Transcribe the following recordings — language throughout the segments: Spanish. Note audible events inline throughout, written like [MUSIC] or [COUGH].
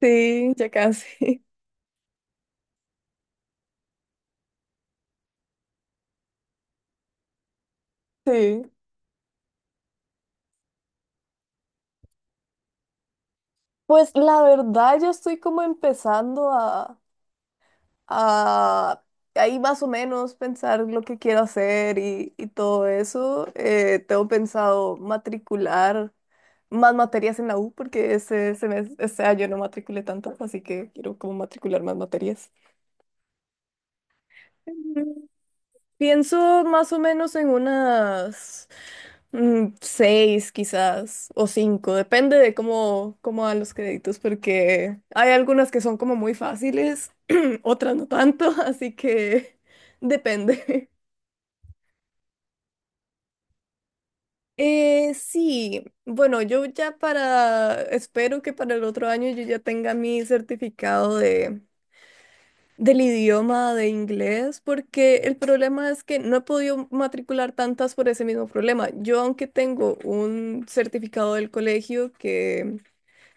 Sí, ya casi. [LAUGHS] Sí. Pues la verdad, yo estoy como empezando a ahí más o menos pensar lo que quiero hacer y todo eso. Tengo pensado matricular más materias en la U porque este año no matriculé tantas, así que quiero como matricular más materias. Mm, Pienso más o menos en seis quizás, o cinco, depende de cómo dan los créditos, porque hay algunas que son como muy fáciles, [CLEARS THROAT] otras no tanto, así que [LAUGHS] depende. Sí, bueno, espero que para el otro año yo ya tenga mi certificado del idioma de inglés, porque el problema es que no he podido matricular tantas por ese mismo problema. Yo, aunque tengo un certificado del colegio que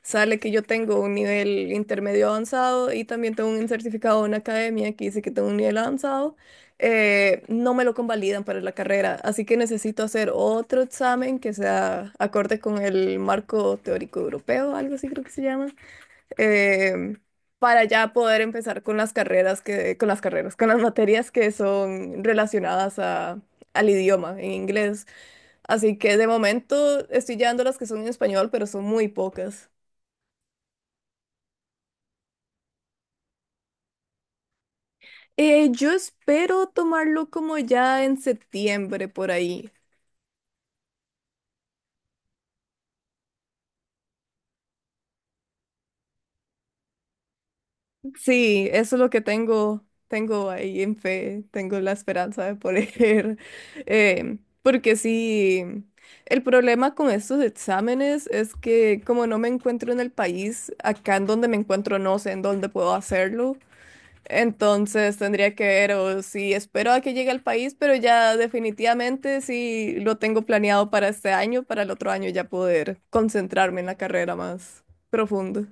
sale que yo tengo un nivel intermedio avanzado y también tengo un certificado en academia que dice que tengo un nivel avanzado. No me lo convalidan para la carrera, así que necesito hacer otro examen que sea acorde con el marco teórico europeo, algo así creo que se llama, em, para ya poder empezar con las carreras que, con las carreras, con las materias que son relacionadas al idioma en inglés. Así que de momento estoy llevando las que son en español, pero son muy pocas. Yo espero tomarlo como ya en septiembre por ahí. Sí, eso es lo que tengo, tengo ahí en fe, tengo la esperanza de poder. [LAUGHS] Porque sí, el problema con estos exámenes es que como no me encuentro en el país, acá en donde me encuentro no sé en dónde puedo hacerlo. Entonces tendría que ver o si espero a que llegue al país, pero ya definitivamente sí lo tengo planeado para este año, para el otro año ya poder concentrarme en la carrera más profunda.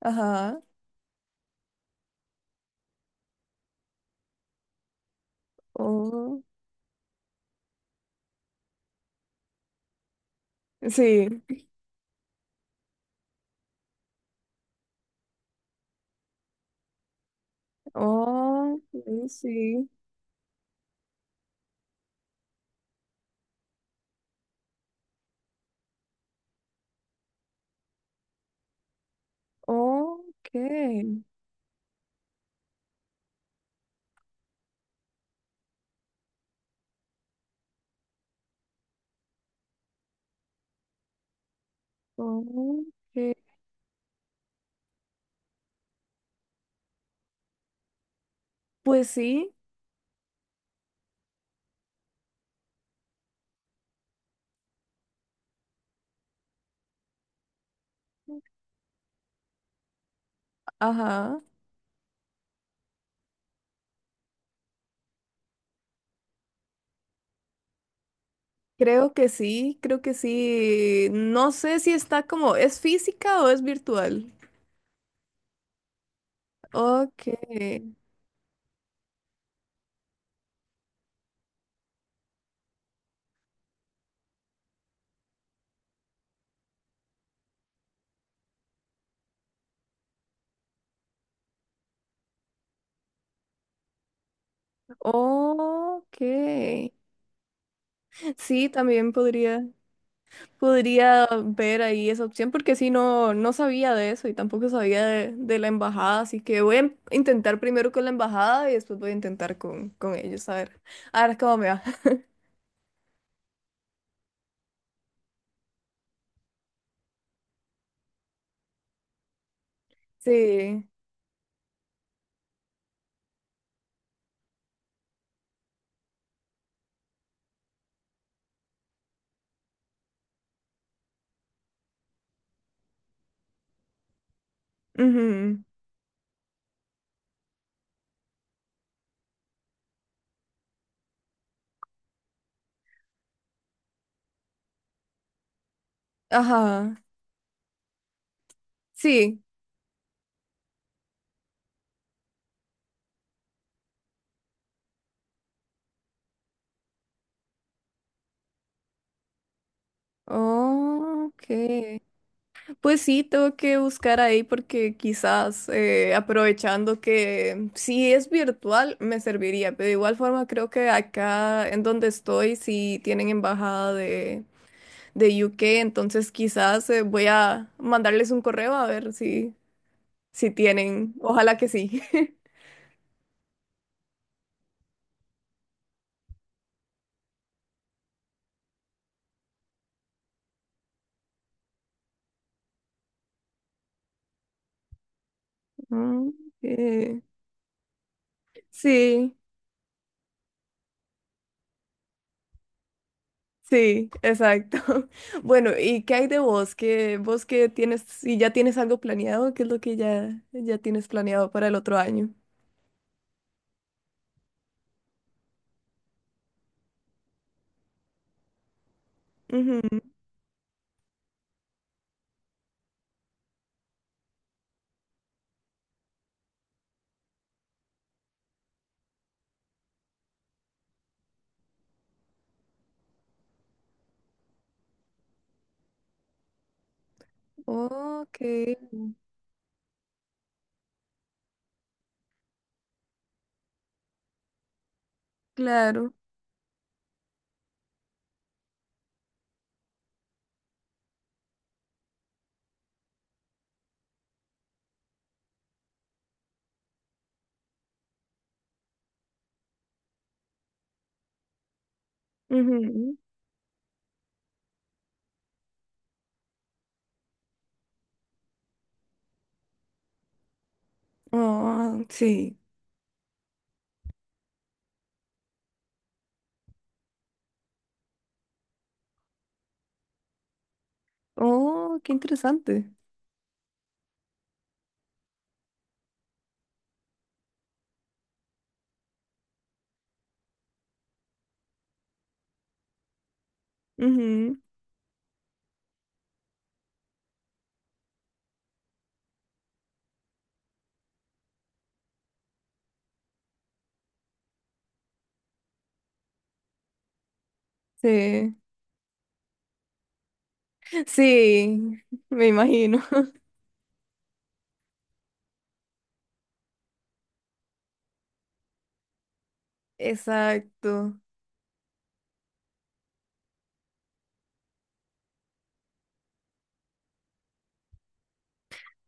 Ajá. Oh, sí. Oh, sí, sí. Ok. Ok. Pues sí, ajá. Creo que sí, creo que sí. No sé si está como, ¿es física o es virtual? Ok. Ok. Sí, también podría ver ahí esa opción porque sí, no, no sabía de eso y tampoco sabía de la embajada, así que voy a intentar primero con la embajada y después voy a intentar con ellos, a ver cómo me va. [LAUGHS] Sí. Ujú. Ajá. Sí. Ok. Pues sí, tengo que buscar ahí porque quizás aprovechando que si es virtual me serviría, pero de igual forma creo que acá en donde estoy sí tienen embajada de UK, entonces quizás voy a mandarles un correo a ver si, si tienen, ojalá que sí. [LAUGHS] Mm, Eh, sí. Sí, exacto. [LAUGHS] Bueno, ¿y qué hay de vos? ¿Vos qué tienes, si ya tienes algo planeado, qué es lo que ya tienes planeado para el otro año? Ujú. Ok, claro. Ujú. Oh, sí. Oh, qué interesante. Ujú. Sí. Sí, me imagino. [LAUGHS] Exacto.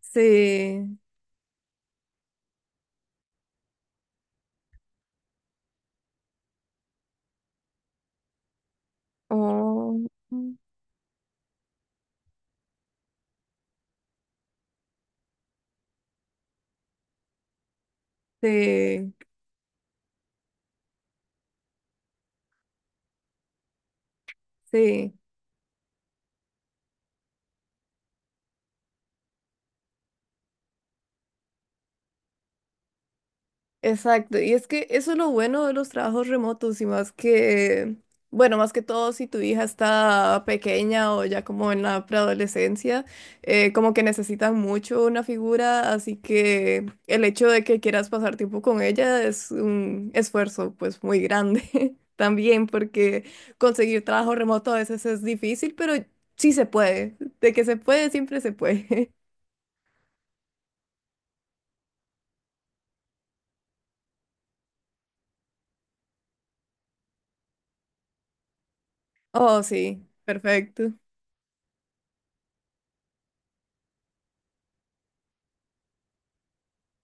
Sí. Oh, sí, sí. Exacto, y es que eso es lo bueno de los trabajos remotos y más bueno, más que todo si tu hija está pequeña o ya como en la preadolescencia, como que necesitan mucho una figura, así que el hecho de que quieras pasar tiempo con ella es un esfuerzo pues muy grande [LAUGHS] también, porque conseguir trabajo remoto a veces es difícil, pero sí se puede, de que se puede, siempre se puede. [LAUGHS] Oh, sí, perfecto.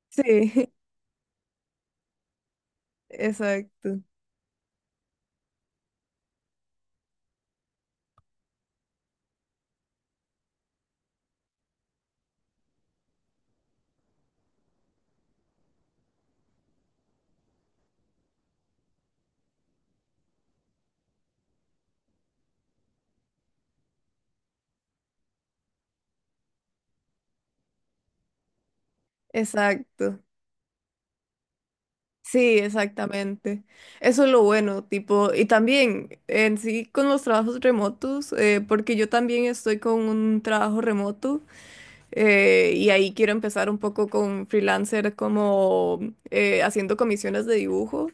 Sí, [LAUGHS] exacto. Exacto. Sí, exactamente. Eso es lo bueno, tipo, y también en sí con los trabajos remotos, porque yo también estoy con un trabajo remoto y ahí quiero empezar un poco con freelancer como haciendo comisiones de dibujo.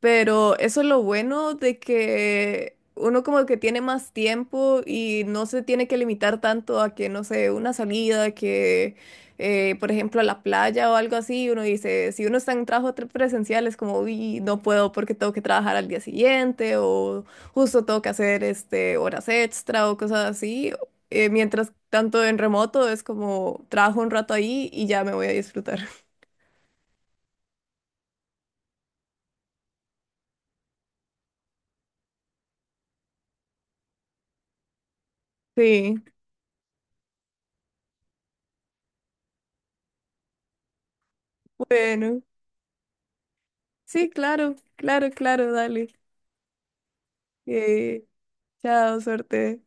Pero eso es lo bueno de que uno como que tiene más tiempo y no se tiene que limitar tanto a que, no sé, una salida, que por ejemplo a la playa o algo así, uno dice, si uno está en trabajo presencial es como, uy, no puedo porque tengo que trabajar al día siguiente o justo tengo que hacer este, horas extra o cosas así. Mientras tanto en remoto es como trabajo un rato ahí y ya me voy a disfrutar. [LAUGHS] Sí, bueno. Sí, claro, claro, claro, dale. Eh, Chao, suerte.